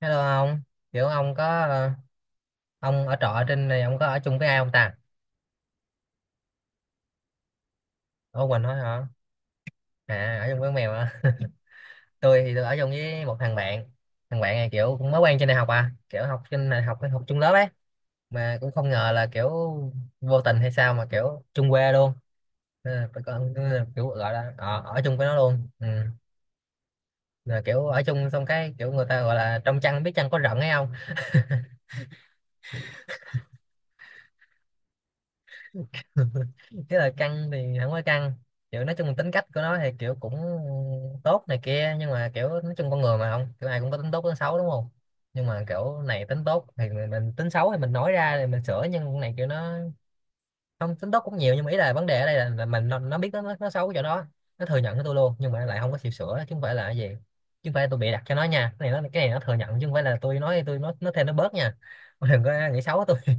Hello ông, kiểu ông có ờ, ông ở trọ ở trên này ông có ở chung với ai không ta? Ở Quỳnh thôi hả? À ở chung với con mèo hả? Tôi thì tôi ở chung với một thằng bạn. Thằng bạn này kiểu cũng mới quen trên đại học à, kiểu học trên đại học học chung lớp ấy, mà cũng không ngờ là kiểu vô tình hay sao mà kiểu chung quê luôn. Nên là còn kiểu gọi là ở chung với nó luôn. Ừ. Là kiểu ở chung xong cái kiểu người ta gọi là trong chăn biết chăn có rận ấy không. Thế là căng thì không có căng, kiểu nói chung tính cách của nó thì kiểu cũng tốt này kia, nhưng mà kiểu nói chung con người mà, không kiểu ai cũng có tính tốt tính xấu đúng không. Nhưng mà kiểu này tính tốt thì mình tính xấu thì mình nói ra thì mình sửa, nhưng con này kiểu nó không, tính tốt cũng nhiều, nhưng mà ý là vấn đề ở đây là mình nó biết nó xấu cái chỗ đó, nó thừa nhận với tôi luôn nhưng mà lại không có chịu sửa, chứ không phải là cái gì, chứ không phải là tôi bịa đặt cho nó nha, cái này nó, cái này nó thừa nhận chứ không phải là tôi nói nó thêm nó bớt nha. Đừng có nghĩ xấu tôi.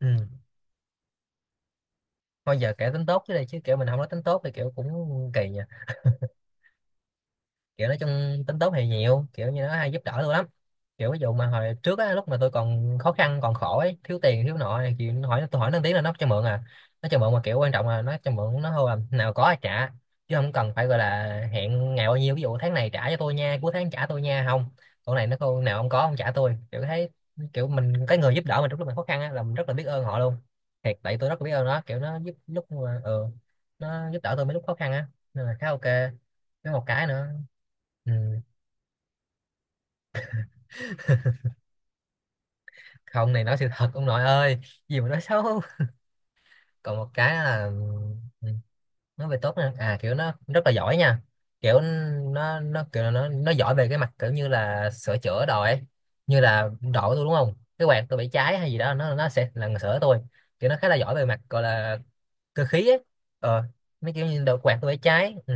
Ừ. Thôi giờ kể tính tốt chứ đây, chứ kiểu mình không nói tính tốt thì kiểu cũng kỳ nhỉ. Kiểu nói chung tính tốt thì nhiều, kiểu như nó hay giúp đỡ tôi lắm. Kiểu ví dụ mà hồi trước á, lúc mà tôi còn khó khăn còn khổ ấy, thiếu tiền thiếu nọ này, thì nó hỏi tôi, hỏi nó tiếng là nó cho mượn à. Nó cho mượn mà kiểu quan trọng là nó cho mượn, nó hô là nào có ai trả, chứ không cần phải gọi là hẹn ngày bao nhiêu, ví dụ tháng này trả cho tôi nha, cuối tháng trả tôi nha, không. Còn này nó, cô nào không có, không trả tôi, kiểu thấy kiểu mình, cái người giúp đỡ mình trong lúc mình khó khăn á, là mình rất là biết ơn họ luôn. Thiệt tại tôi rất là biết ơn nó, kiểu nó giúp lúc mà nó giúp đỡ tôi mấy lúc khó khăn á, nên là khá ok. Với một cái nữa. Ừ. Không này nói sự thật ông nội ơi, gì mà nói xấu. Còn một cái là, ừ, nói về tốt nè, à kiểu nó rất là giỏi nha, kiểu nó kiểu là nó giỏi về cái mặt kiểu như là sửa chữa đồ ấy, như là độ tôi đúng không, cái quạt tôi bị cháy hay gì đó nó sẽ là người sửa tôi. Kiểu nó khá là giỏi về mặt gọi là cơ khí ấy. ờ Mấy kiểu như đồ quạt tôi bị cháy. Ừ.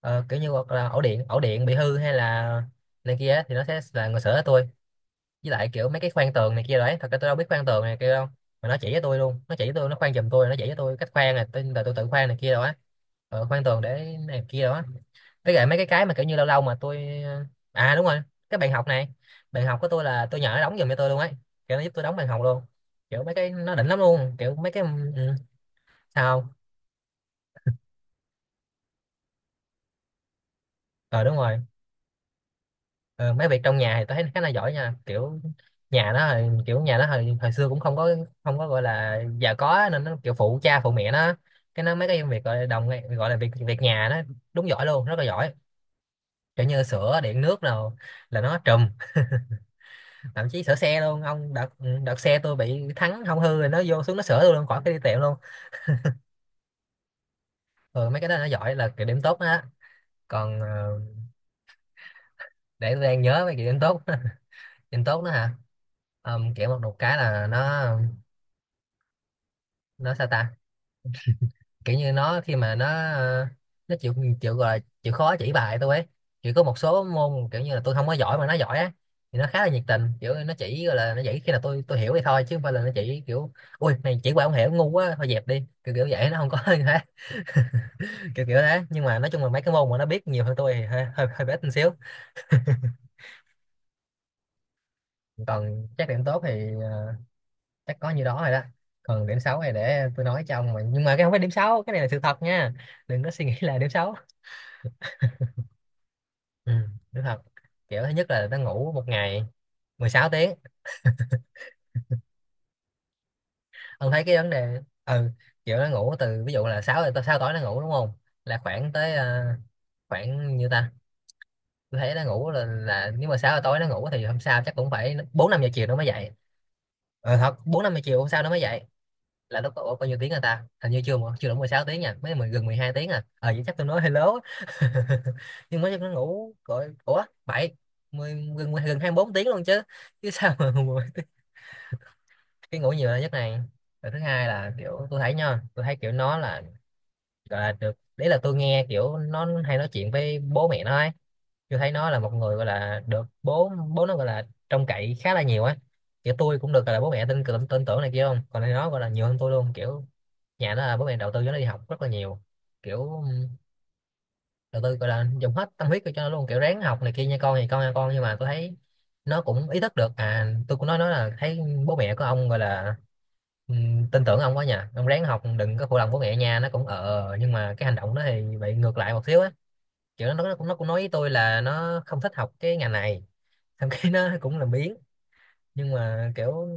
Ờ, kiểu như hoặc là ổ điện bị hư hay là này kia ấy, thì nó sẽ là người sửa tôi. Với lại kiểu mấy cái khoan tường này kia đấy, thật ra tôi đâu biết khoan tường này kia đâu, mà nó chỉ với tôi luôn, nó chỉ với tôi, nó khoan giùm tôi, nó chỉ với tôi cách khoan này, tôi là tôi tự khoan này kia đó á. Ờ, khoan tường để này kia đó. Với lại mấy cái mà kiểu như lâu lâu mà tôi à đúng rồi, cái bàn học này, bàn học của tôi là tôi nhờ nó đóng giùm cho tôi luôn ấy, kiểu nó giúp tôi đóng bàn học luôn. Kiểu mấy cái nó đỉnh lắm luôn, kiểu mấy cái. Ừ, Sao không? Ờ đúng rồi. Ờ, mấy việc trong nhà thì tôi thấy khá là giỏi nha. Kiểu nhà nó hồi- kiểu nhà nó hồi xưa cũng không có, không có gọi là già có á, nên nó kiểu phụ cha phụ mẹ nó. Cái nó mấy cái việc gọi là đồng, gọi là việc việc nhà nó đúng giỏi luôn, rất là giỏi, kiểu như sửa điện nước nào, là nó trùm. Thậm chí sửa xe luôn ông, đợt, đợt xe tôi bị thắng hỏng hư rồi, nó vô xuống nó sửa tôi luôn, khỏi cái đi tiệm luôn. Ừ, mấy cái đó nó giỏi là kiểu điểm tốt đó á. Còn để tôi đang nhớ mấy kiểu điểm tốt. Điểm tốt đó hả. Ờ, kiểu một cái là nó sao ta, kiểu như nó khi mà nó ờ, nó chịu, chịu gọi là chịu khó chỉ bài tôi ấy. Chỉ có một số môn kiểu như là tôi không có giỏi mà nó giỏi á, thì nó khá là nhiệt tình, kiểu nó chỉ gọi là nó chỉ khi nào tôi hiểu thì thôi, chứ không phải là nó chỉ kiểu ui này chỉ qua không hiểu ngu quá thôi dẹp đi, kiểu kiểu vậy, nó không có như thế, kiểu kiểu thế. Nhưng mà nói chung là mấy cái môn mà nó biết nhiều hơn tôi thì hơi hơi bé tí xíu. Còn chắc điểm tốt thì chắc có như đó rồi đó. Còn điểm xấu này để tôi nói cho ông, mà nhưng mà cái không phải điểm xấu, cái này là sự thật nha, đừng có suy nghĩ là điểm xấu. ừ, Đúng thật. Kiểu thứ nhất là nó ngủ một ngày 16 tiếng. Ông thấy cái vấn đề. Ừ. Kiểu nó ngủ từ ví dụ là 6 tới 6 tối nó ngủ đúng không, là khoảng tới khoảng như ta. Tôi thấy nó ngủ là nếu mà 6 giờ tối nó ngủ thì hôm sau chắc cũng phải 4 5 giờ chiều nó mới dậy. Ờ thật, 4 5 giờ chiều hôm sau nó mới dậy. Là lúc đó ủa, bao nhiêu tiếng rồi ta, hình như chưa mà- chưa đủ 16 tiếng nha, mấy mười- gần 12 tiếng à, ờ vậy chắc tôi nói hello. Nhưng mới chắc nó ngủ gọi ủa bảy mười gần gần 24 tiếng luôn chứ, chứ sao mà. Cái ngủ nhiều là nhất này. Rồi thứ hai là kiểu tôi thấy nha, tôi thấy kiểu nó là gọi là được đấy, là tôi nghe kiểu nó hay nói chuyện với bố mẹ nó ấy. Tôi thấy nó là một người gọi là được bố bố nó gọi là trông cậy khá là nhiều ấy. Kiểu tôi cũng được gọi là bố mẹ tin tưởng, này kia, không còn nó gọi là nhiều hơn tôi luôn, kiểu nhà nó là bố mẹ đầu tư cho nó đi học rất là nhiều. Kiểu đầu tư gọi là dùng hết tâm huyết cho nó luôn, kiểu ráng học này kia nha con, thì con nha con, nhưng mà tôi thấy nó cũng ý thức được, à tôi cũng nói nó là thấy bố mẹ của ông gọi là tin tưởng ông quá nhỉ, ông ráng học đừng có phụ lòng bố mẹ nha, nó cũng ờ. Nhưng mà cái hành động đó thì bị ngược lại một xíu á. Kiểu nó cũng nó cũng nói với tôi là nó không thích học cái ngành này. Thậm chí nó cũng làm biếng, nhưng mà kiểu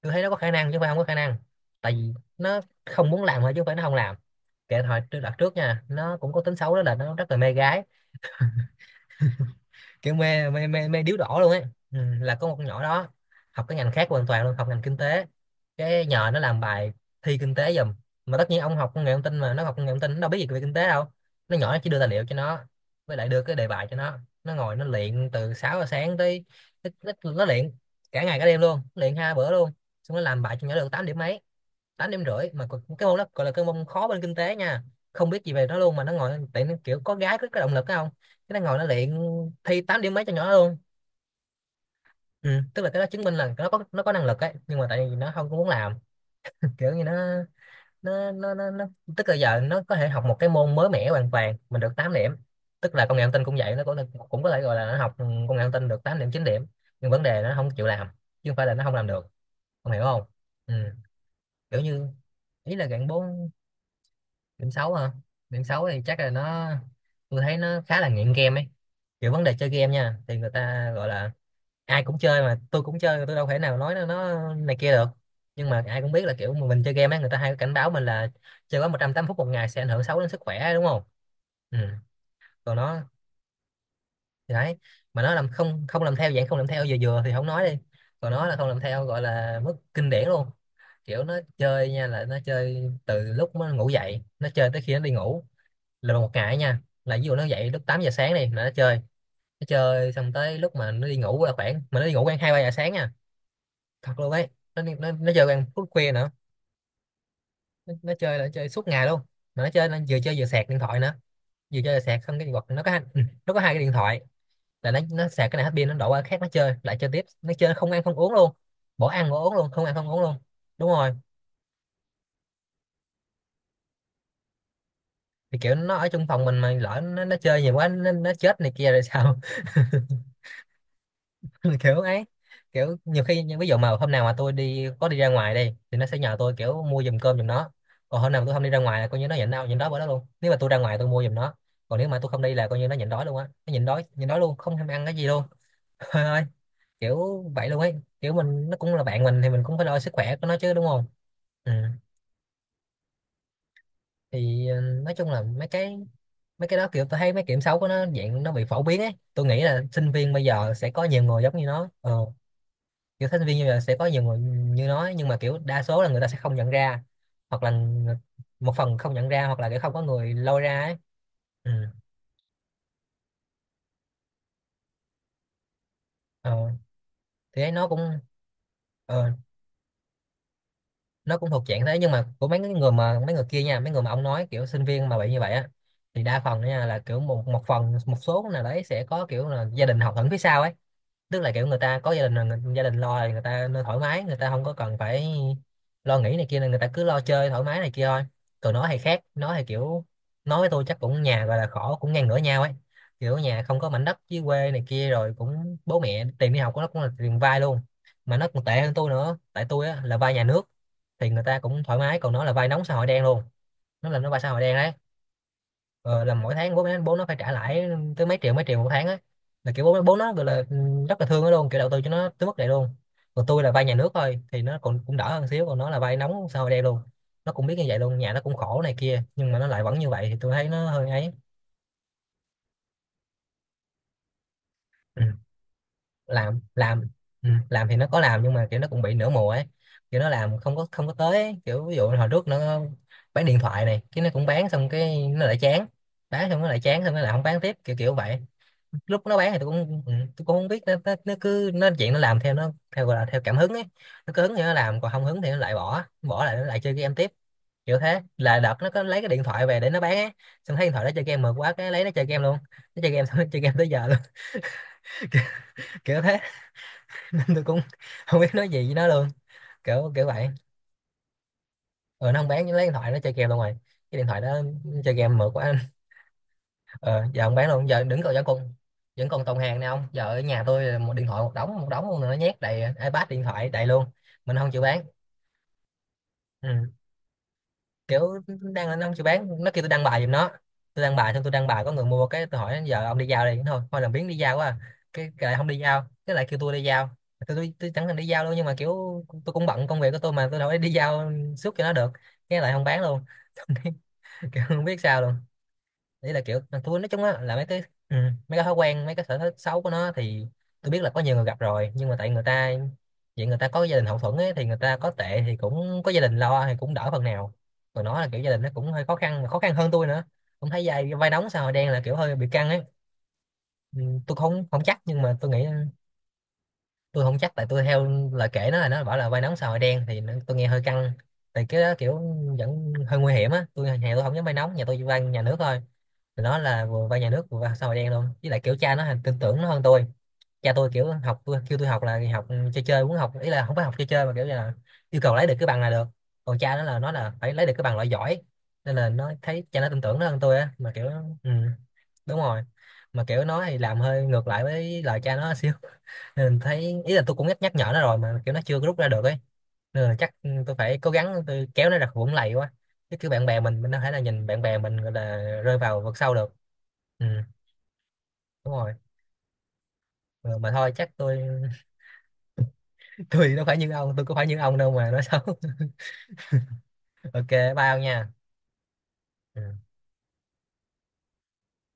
tôi thấy nó có khả năng chứ không phải không có khả năng, tại vì nó không muốn làm thôi chứ không phải nó không làm. Kể hồi tôi đặt trước nha, nó cũng có tính xấu đó là nó rất là mê gái, kiểu mê mê mê mê điếu đổ luôn ấy. Ừ, là có một con nhỏ đó học cái ngành khác hoàn toàn luôn, học ngành kinh tế, cái nhờ nó làm bài thi kinh tế giùm. Mà tất nhiên ông học công nghệ thông tin, mà nó học công nghệ thông tin nó đâu biết gì về kinh tế đâu. Nó nhỏ, nó chỉ đưa tài liệu cho nó, với lại đưa cái đề bài cho nó ngồi nó luyện từ 6 giờ sáng tới nó luyện cả ngày cả đêm luôn, luyện hai bữa luôn. Xong nó làm bài cho nhỏ được 8 điểm mấy, tám điểm rưỡi, mà còn- cái môn đó gọi là cái môn khó bên kinh tế nha, không biết gì về nó luôn, mà nó ngồi tại nó kiểu có gái có động lực phải không, cái nó ngồi nó luyện thi 8 điểm mấy cho nhỏ luôn. Ừ. Tức là cái đó chứng minh là nó có năng lực ấy, nhưng mà tại vì nó không có muốn làm. Kiểu như nó tức là giờ nó có thể học một cái môn mới mẻ hoàn toàn mình được 8 điểm. Tức là công nghệ thông tin cũng vậy, nó cũng cũng có thể gọi là nó học công nghệ thông tin được 8 điểm 9 điểm. Nhưng vấn đề nó không chịu làm chứ không phải là nó không làm được. Ông hiểu không? Ừ. Kiểu như ý là gạn bốn. Điểm xấu hả? Điểm xấu thì chắc là nó... tôi thấy nó khá là nghiện game ấy. Kiểu vấn đề chơi game nha thì người ta gọi là ai cũng chơi, mà tôi cũng chơi, tôi đâu thể nào nói nó này kia được. Nhưng mà ai cũng biết là kiểu mình chơi game ấy, người ta hay cảnh báo mình là chơi quá 180 phút một ngày sẽ ảnh hưởng xấu đến sức khỏe, đúng không? Ừ. Còn nó thì đấy, mà nó làm không không làm theo dạng không làm theo vừa vừa thì không nói đi, còn nó là không làm theo gọi là mức kinh điển luôn. Kiểu nó chơi nha là nó chơi từ lúc nó ngủ dậy nó chơi tới khi nó đi ngủ, là một ngày ấy nha. Là ví dụ nó dậy lúc 8 giờ sáng đi là nó chơi, nó chơi xong tới lúc mà nó đi ngủ là khoảng mà nó đi ngủ khoảng hai ba giờ sáng nha, thật luôn ấy. Nó chơi khoảng phút khuya nữa. Nó chơi là nó chơi suốt ngày luôn, mà nó chơi nó vừa chơi vừa sạc điện thoại nữa, vừa chơi vừa sạc xong cái quật nó có hai cái điện thoại. Là nó sạc cái này hết pin nó đổ qua cái khác nó chơi lại chơi tiếp, nó chơi không ăn không uống luôn, bỏ ăn bỏ uống luôn, không ăn không uống luôn. Đúng rồi. Thì kiểu nó ở trong phòng mình mà lỡ nó chơi nhiều quá nó chết này kia rồi sao? Kiểu ấy. Kiểu nhiều khi ví dụ mà hôm nào mà tôi đi có đi ra ngoài đi thì nó sẽ nhờ tôi kiểu mua giùm cơm giùm nó, còn hôm nào mà tôi không đi ra ngoài là coi như nó nhịn đau nhịn đói bữa đó luôn. Nếu mà tôi ra ngoài tôi mua giùm nó, còn nếu mà tôi không đi là coi như nó nhịn đói luôn á, nó nhịn đói luôn không thèm ăn cái gì luôn. Trời ơi, kiểu vậy luôn ấy. Kiểu mình nó cũng là bạn mình thì mình cũng phải lo sức khỏe của nó chứ, đúng không? Ừ. Thì nói chung là mấy cái đó kiểu tôi thấy mấy kiểm xấu của nó dạng nó bị phổ biến ấy, tôi nghĩ là sinh viên bây giờ sẽ có nhiều người giống như nó. Ừ. Kiểu thích viên như là sẽ có nhiều người như nói, nhưng mà kiểu đa số là người ta sẽ không nhận ra, hoặc là một phần không nhận ra hoặc là kiểu không có người lôi ra ấy. Ừ. Ờ. Thì ấy nó cũng... ờ, nó cũng thuộc dạng thế, nhưng mà của mấy cái người mà mấy người kia nha, mấy người mà ông nói kiểu sinh viên mà bị như vậy á, thì đa phần nha là kiểu một một phần một số nào đấy sẽ có kiểu là gia đình hậu thuẫn phía sau ấy. Tức là kiểu người ta có gia đình là gia đình lo thì người ta nên thoải mái, người ta không có cần phải lo nghĩ này kia nên người ta cứ lo chơi thoải mái này kia thôi. Còn nó thì khác, nó thì kiểu... nói với tôi chắc cũng nhà gọi là khổ cũng ngang ngửa nhau ấy. Kiểu nhà không có mảnh đất dưới quê này kia, rồi cũng bố mẹ tiền đi học của nó cũng là tiền vay luôn, mà nó còn tệ hơn tôi nữa, tại tôi á là vay nhà nước thì người ta cũng thoải mái, còn nó là vay nóng xã hội đen luôn. Nó là nó vay xã hội đen đấy. Ờ, là mỗi tháng bố nó phải trả lãi tới mấy triệu, mấy triệu một tháng á, là kiểu bố bố nó gọi là rất là thương nó luôn, kiểu đầu tư cho nó tới mức này luôn. Còn tôi là vay nhà nước thôi thì nó còn cũng đỡ hơn xíu, còn nó là vay nóng sao đây luôn. Nó cũng biết như vậy luôn, nhà nó cũng khổ này kia nhưng mà nó lại vẫn như vậy thì tôi thấy nó hơi ấy. Ừ. Làm làm. Ừ. Làm thì nó có làm nhưng mà kiểu nó cũng bị nửa mùa ấy, kiểu nó làm không có tới ấy. Kiểu ví dụ hồi trước nó bán điện thoại này, cái nó cũng bán xong cái nó lại chán, bán xong nó lại chán, xong nó lại không bán tiếp, kiểu kiểu vậy. Lúc nó bán thì tôi cũng tôi cũng không biết nó cứ nó chuyện nó làm theo nó theo gọi là theo cảm hứng ấy, nó cứ hứng thì nó làm còn không hứng thì nó lại bỏ bỏ lại nó lại chơi game tiếp. Kiểu thế là đợt nó có lấy cái điện thoại về để nó bán á, xong thấy điện thoại nó chơi game mượt quá, cái lấy nó chơi game luôn. Nó chơi game xong nó chơi game tới giờ luôn. Kiểu thế. Nên tôi cũng không biết nói gì với nó luôn, kiểu kiểu vậy. Ừ, nó không bán nhưng lấy điện thoại nó chơi game luôn rồi, cái điện thoại đó nó chơi game mượt quá. Ờ, giờ không bán luôn, giờ đứng còn vẫn còn, vẫn còn tồn hàng nè ông. Giờ ở nhà tôi là một điện thoại một đống, một đống luôn nữa, nhét đầy iPad, điện thoại đầy luôn, mình không chịu bán. Ừ. Kiểu đang nó không chịu bán, nó kêu tôi đăng bài giùm nó, tôi đăng bài xong, tôi đăng bài có người mua cái tôi hỏi giờ ông đi giao đi, thôi thôi làm biếng đi giao quá à. Cái lại không đi giao, cái lại kêu tôi đi giao. Tôi chẳng thèm đi giao luôn nhưng mà kiểu tôi cũng bận công việc của tôi mà tôi đâu có đi giao suốt cho nó được, cái lại không bán luôn. Kiểu không biết sao luôn. Đấy là kiểu mà tôi nói chung á là mấy cái ừ, mấy cái thói quen, mấy cái sở thích xấu của nó thì tôi biết là có nhiều người gặp rồi, nhưng mà tại người ta vậy, người ta có gia đình hậu thuẫn ấy thì người ta có tệ thì cũng có gia đình lo thì cũng đỡ phần nào. Còn nó là kiểu gia đình nó cũng hơi khó khăn, mà khó khăn hơn tôi nữa, cũng thấy vai vai nóng sao đen là kiểu hơi bị căng ấy. Ừ, tôi không không chắc nhưng mà tôi nghĩ... tôi không chắc tại tôi theo lời kể nó là nó bảo là vai nóng sao hội đen thì tôi nghe hơi căng tại cái đó kiểu vẫn hơi nguy hiểm á. Tôi nhà tôi không dám vai nóng, nhà tôi vai nhà nước thôi. Nó là vừa vay nhà nước vừa vai xã hội đen luôn, với lại kiểu cha nó tin tưởng nó hơn tôi. Cha tôi kiểu học tôi kêu tôi học là học chơi chơi muốn học, ý là không phải học chơi chơi mà kiểu như là yêu cầu lấy được cái bằng là được. Còn cha nó là phải lấy được cái bằng loại giỏi, nên là nó thấy cha nó tin tưởng nó hơn tôi á, mà kiểu... Ừ đúng rồi. Mà kiểu nó thì làm hơi ngược lại với lời cha nó xíu. Nên thấy ý là tôi cũng nhắc nhắc nhở nó rồi mà kiểu nó chưa có rút ra được ấy, nên là chắc tôi phải cố gắng tôi kéo nó ra khỏi vũng lầy quá, chứ kiểu bạn bè mình đâu thể là nhìn bạn bè mình gọi là rơi vào vực sâu được. Ừ đúng rồi. Ừ, mà thôi chắc tôi... tôi nó phải như ông tôi cũng phải như ông đâu mà nói xấu. Ok, bye ông nha. Ừ.